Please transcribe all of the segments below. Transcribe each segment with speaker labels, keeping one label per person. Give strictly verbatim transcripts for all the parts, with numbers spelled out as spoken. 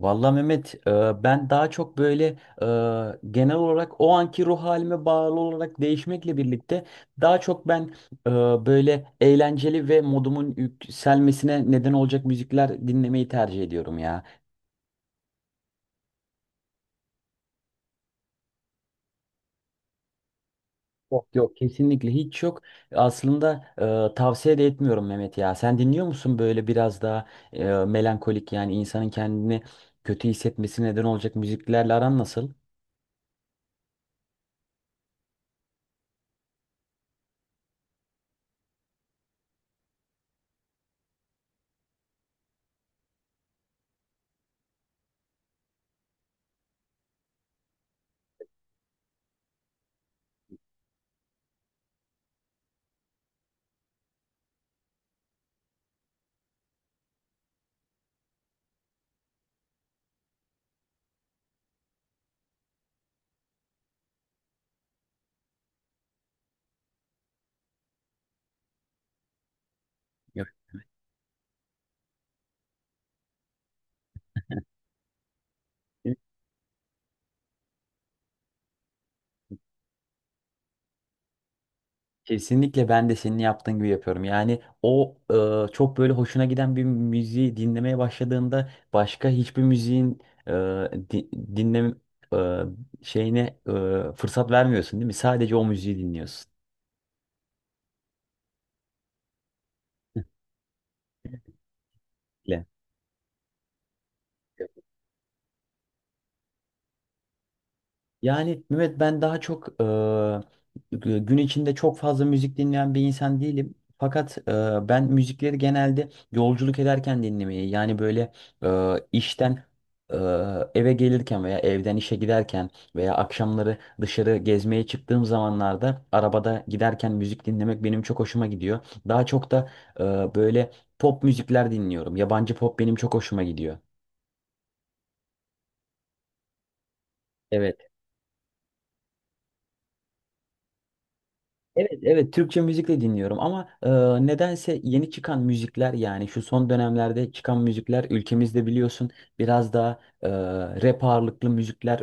Speaker 1: Vallahi Mehmet, e, ben daha çok böyle e, genel olarak o anki ruh halime bağlı olarak değişmekle birlikte daha çok ben e, böyle eğlenceli ve modumun yükselmesine neden olacak müzikler dinlemeyi tercih ediyorum ya. Yok yok, kesinlikle hiç yok. Aslında e, tavsiye de etmiyorum Mehmet ya. Sen dinliyor musun böyle biraz daha e, melankolik, yani insanın kendini kötü hissetmesine neden olacak müziklerle aran nasıl? Yok. Kesinlikle ben de senin yaptığın gibi yapıyorum. Yani o e, çok böyle hoşuna giden bir müziği dinlemeye başladığında başka hiçbir müziğin e, di- dinleme e, şeyine e, fırsat vermiyorsun, değil mi? Sadece o müziği dinliyorsun. Yani Mehmet, ben daha çok e, gü- gün içinde çok fazla müzik dinleyen bir insan değilim. Fakat e, ben müzikleri genelde yolculuk ederken dinlemeyi, yani böyle e, işten e, eve gelirken veya evden işe giderken veya akşamları dışarı gezmeye çıktığım zamanlarda arabada giderken müzik dinlemek benim çok hoşuma gidiyor. Daha çok da e, böyle pop müzikler dinliyorum. Yabancı pop benim çok hoşuma gidiyor. Evet. Evet, evet Türkçe müzikle dinliyorum ama e, nedense yeni çıkan müzikler, yani şu son dönemlerde çıkan müzikler ülkemizde biliyorsun biraz daha e, rap ağırlıklı müzikler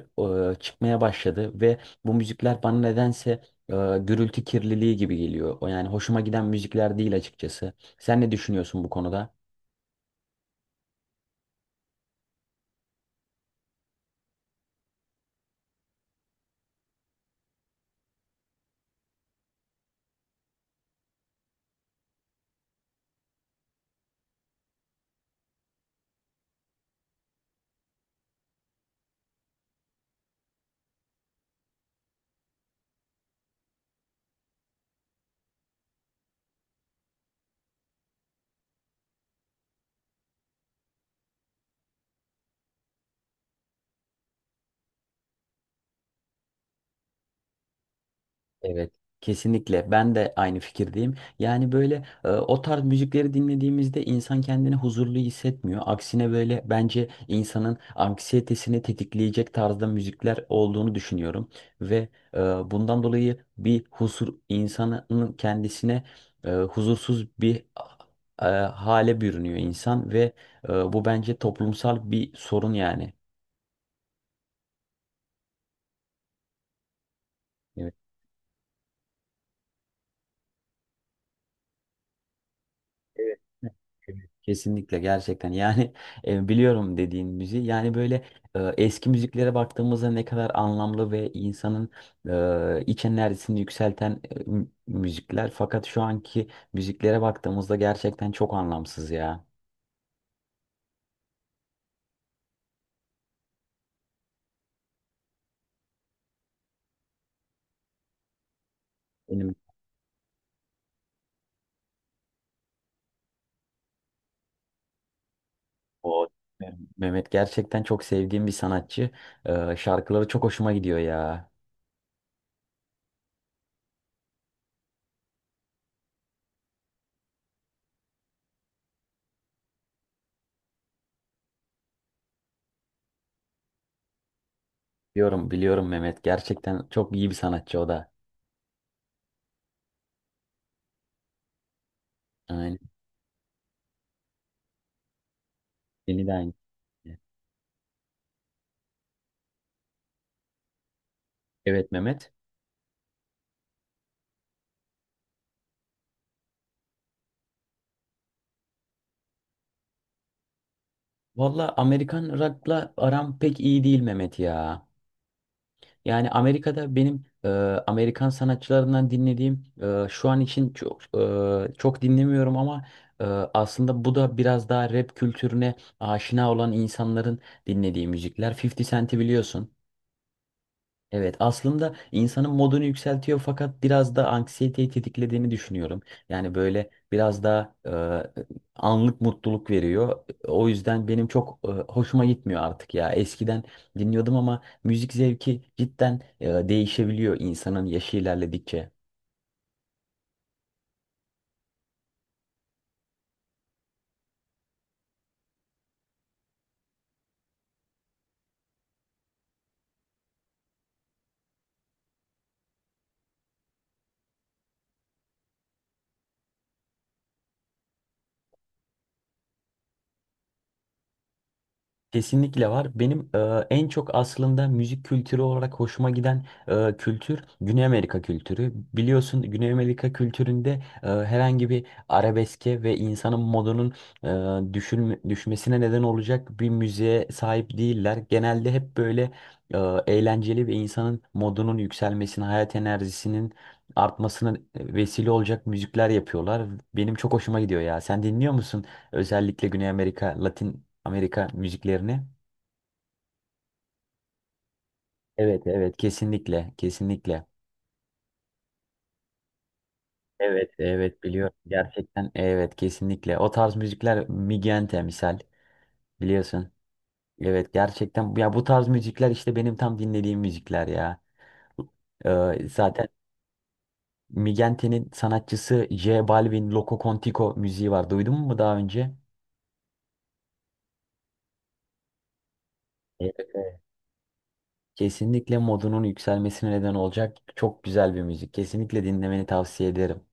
Speaker 1: e, çıkmaya başladı ve bu müzikler bana nedense e, gürültü kirliliği gibi geliyor. O, yani hoşuma giden müzikler değil açıkçası. Sen ne düşünüyorsun bu konuda? Evet, kesinlikle. Ben de aynı fikirdeyim. Yani böyle e, o tarz müzikleri dinlediğimizde insan kendini huzurlu hissetmiyor. Aksine böyle bence insanın anksiyetesini tetikleyecek tarzda müzikler olduğunu düşünüyorum. Ve e, bundan dolayı bir huzur insanın kendisine, e, huzursuz bir e, hale bürünüyor insan ve e, bu bence toplumsal bir sorun yani. Evet. Kesinlikle, gerçekten yani e, biliyorum dediğin müziği. Yani böyle e, eski müziklere baktığımızda ne kadar anlamlı ve insanın e, iç enerjisini yükselten e, mü- müzikler, fakat şu anki müziklere baktığımızda gerçekten çok anlamsız ya. Benim o Mehmet gerçekten çok sevdiğim bir sanatçı. E, şarkıları çok hoşuma gidiyor ya. Biliyorum, biliyorum Mehmet, gerçekten çok iyi bir sanatçı o da. Aynen. Beni de aynı. Evet Mehmet. Valla, Amerikan rock'la aram pek iyi değil Mehmet ya. Yani Amerika'da benim e, Amerikan sanatçılarından dinlediğim, e, şu an için çok e, çok dinlemiyorum ama e, aslında bu da biraz daha rap kültürüne aşina olan insanların dinlediği müzikler. elli Cent'i biliyorsun. Evet, aslında insanın modunu yükseltiyor fakat biraz da anksiyeteyi tetiklediğini düşünüyorum. Yani böyle biraz da anlık mutluluk veriyor. O yüzden benim çok e, hoşuma gitmiyor artık ya. Eskiden dinliyordum ama müzik zevki cidden e, değişebiliyor insanın yaşı ilerledikçe. Kesinlikle var. Benim e, en çok aslında müzik kültürü olarak hoşuma giden e, kültür, Güney Amerika kültürü. Biliyorsun Güney Amerika kültüründe e, herhangi bir arabeske ve insanın modunun e, düşülme- düşmesine neden olacak bir müziğe sahip değiller. Genelde hep böyle e, eğlenceli ve insanın modunun yükselmesine, hayat enerjisinin artmasına vesile olacak müzikler yapıyorlar. Benim çok hoşuma gidiyor ya. Sen dinliyor musun? Özellikle Güney Amerika, Latin Amerika müziklerini. Evet, evet kesinlikle, kesinlikle. Evet, evet biliyorum, gerçekten evet, kesinlikle. O tarz müzikler, Migente misal, biliyorsun. Evet, gerçekten ya bu tarz müzikler işte benim tam dinlediğim müzikler ya. Ee, zaten Migente'nin sanatçısı J Balvin Loco Contico müziği var. Duydun mu daha önce? Evet, evet. Kesinlikle modunun yükselmesine neden olacak çok güzel bir müzik. Kesinlikle dinlemeni tavsiye ederim.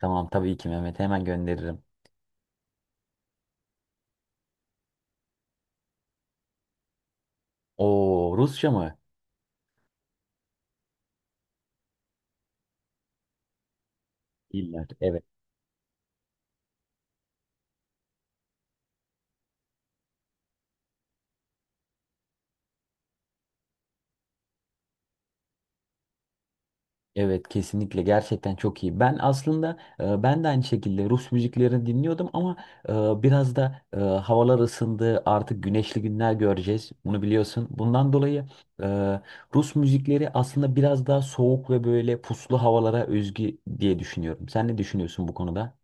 Speaker 1: Tamam, tabii ki Mehmet, hemen gönderirim. O Rusça mı? İller. Evet. Evet, kesinlikle gerçekten çok iyi. Ben aslında e, ben de aynı şekilde Rus müziklerini dinliyordum ama e, biraz da e, havalar ısındı. Artık güneşli günler göreceğiz. Bunu biliyorsun. Bundan dolayı e, Rus müzikleri aslında biraz daha soğuk ve böyle puslu havalara özgü diye düşünüyorum. Sen ne düşünüyorsun bu konuda?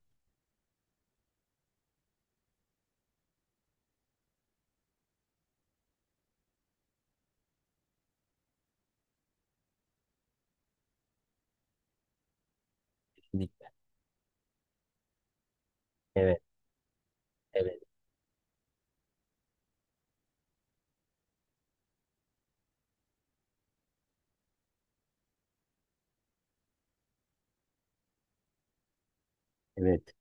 Speaker 1: Kesinlikle. Evet, evet, evet.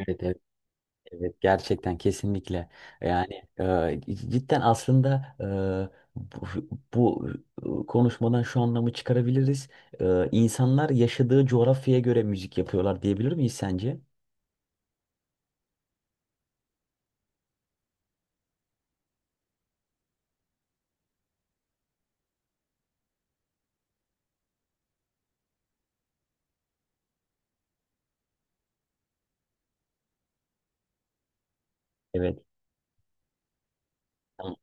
Speaker 1: Evet, evet. Evet, gerçekten kesinlikle. Yani e, cidden aslında e, bu, bu konuşmadan şu anlamı çıkarabiliriz. E, insanlar yaşadığı coğrafyaya göre müzik yapıyorlar diyebilir miyiz sence? Evet. Tamam.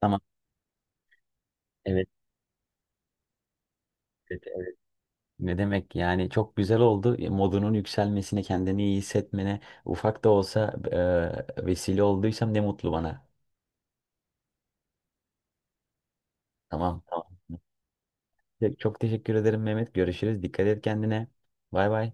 Speaker 1: Tamam. Evet, evet, evet. Ne demek, yani çok güzel oldu. E, modunun yükselmesine, kendini iyi hissetmene ufak da olsa e, vesile olduysam ne mutlu bana. Tamam, tamam. Çok teşekkür ederim Mehmet. Görüşürüz. Dikkat et kendine. Bay bay.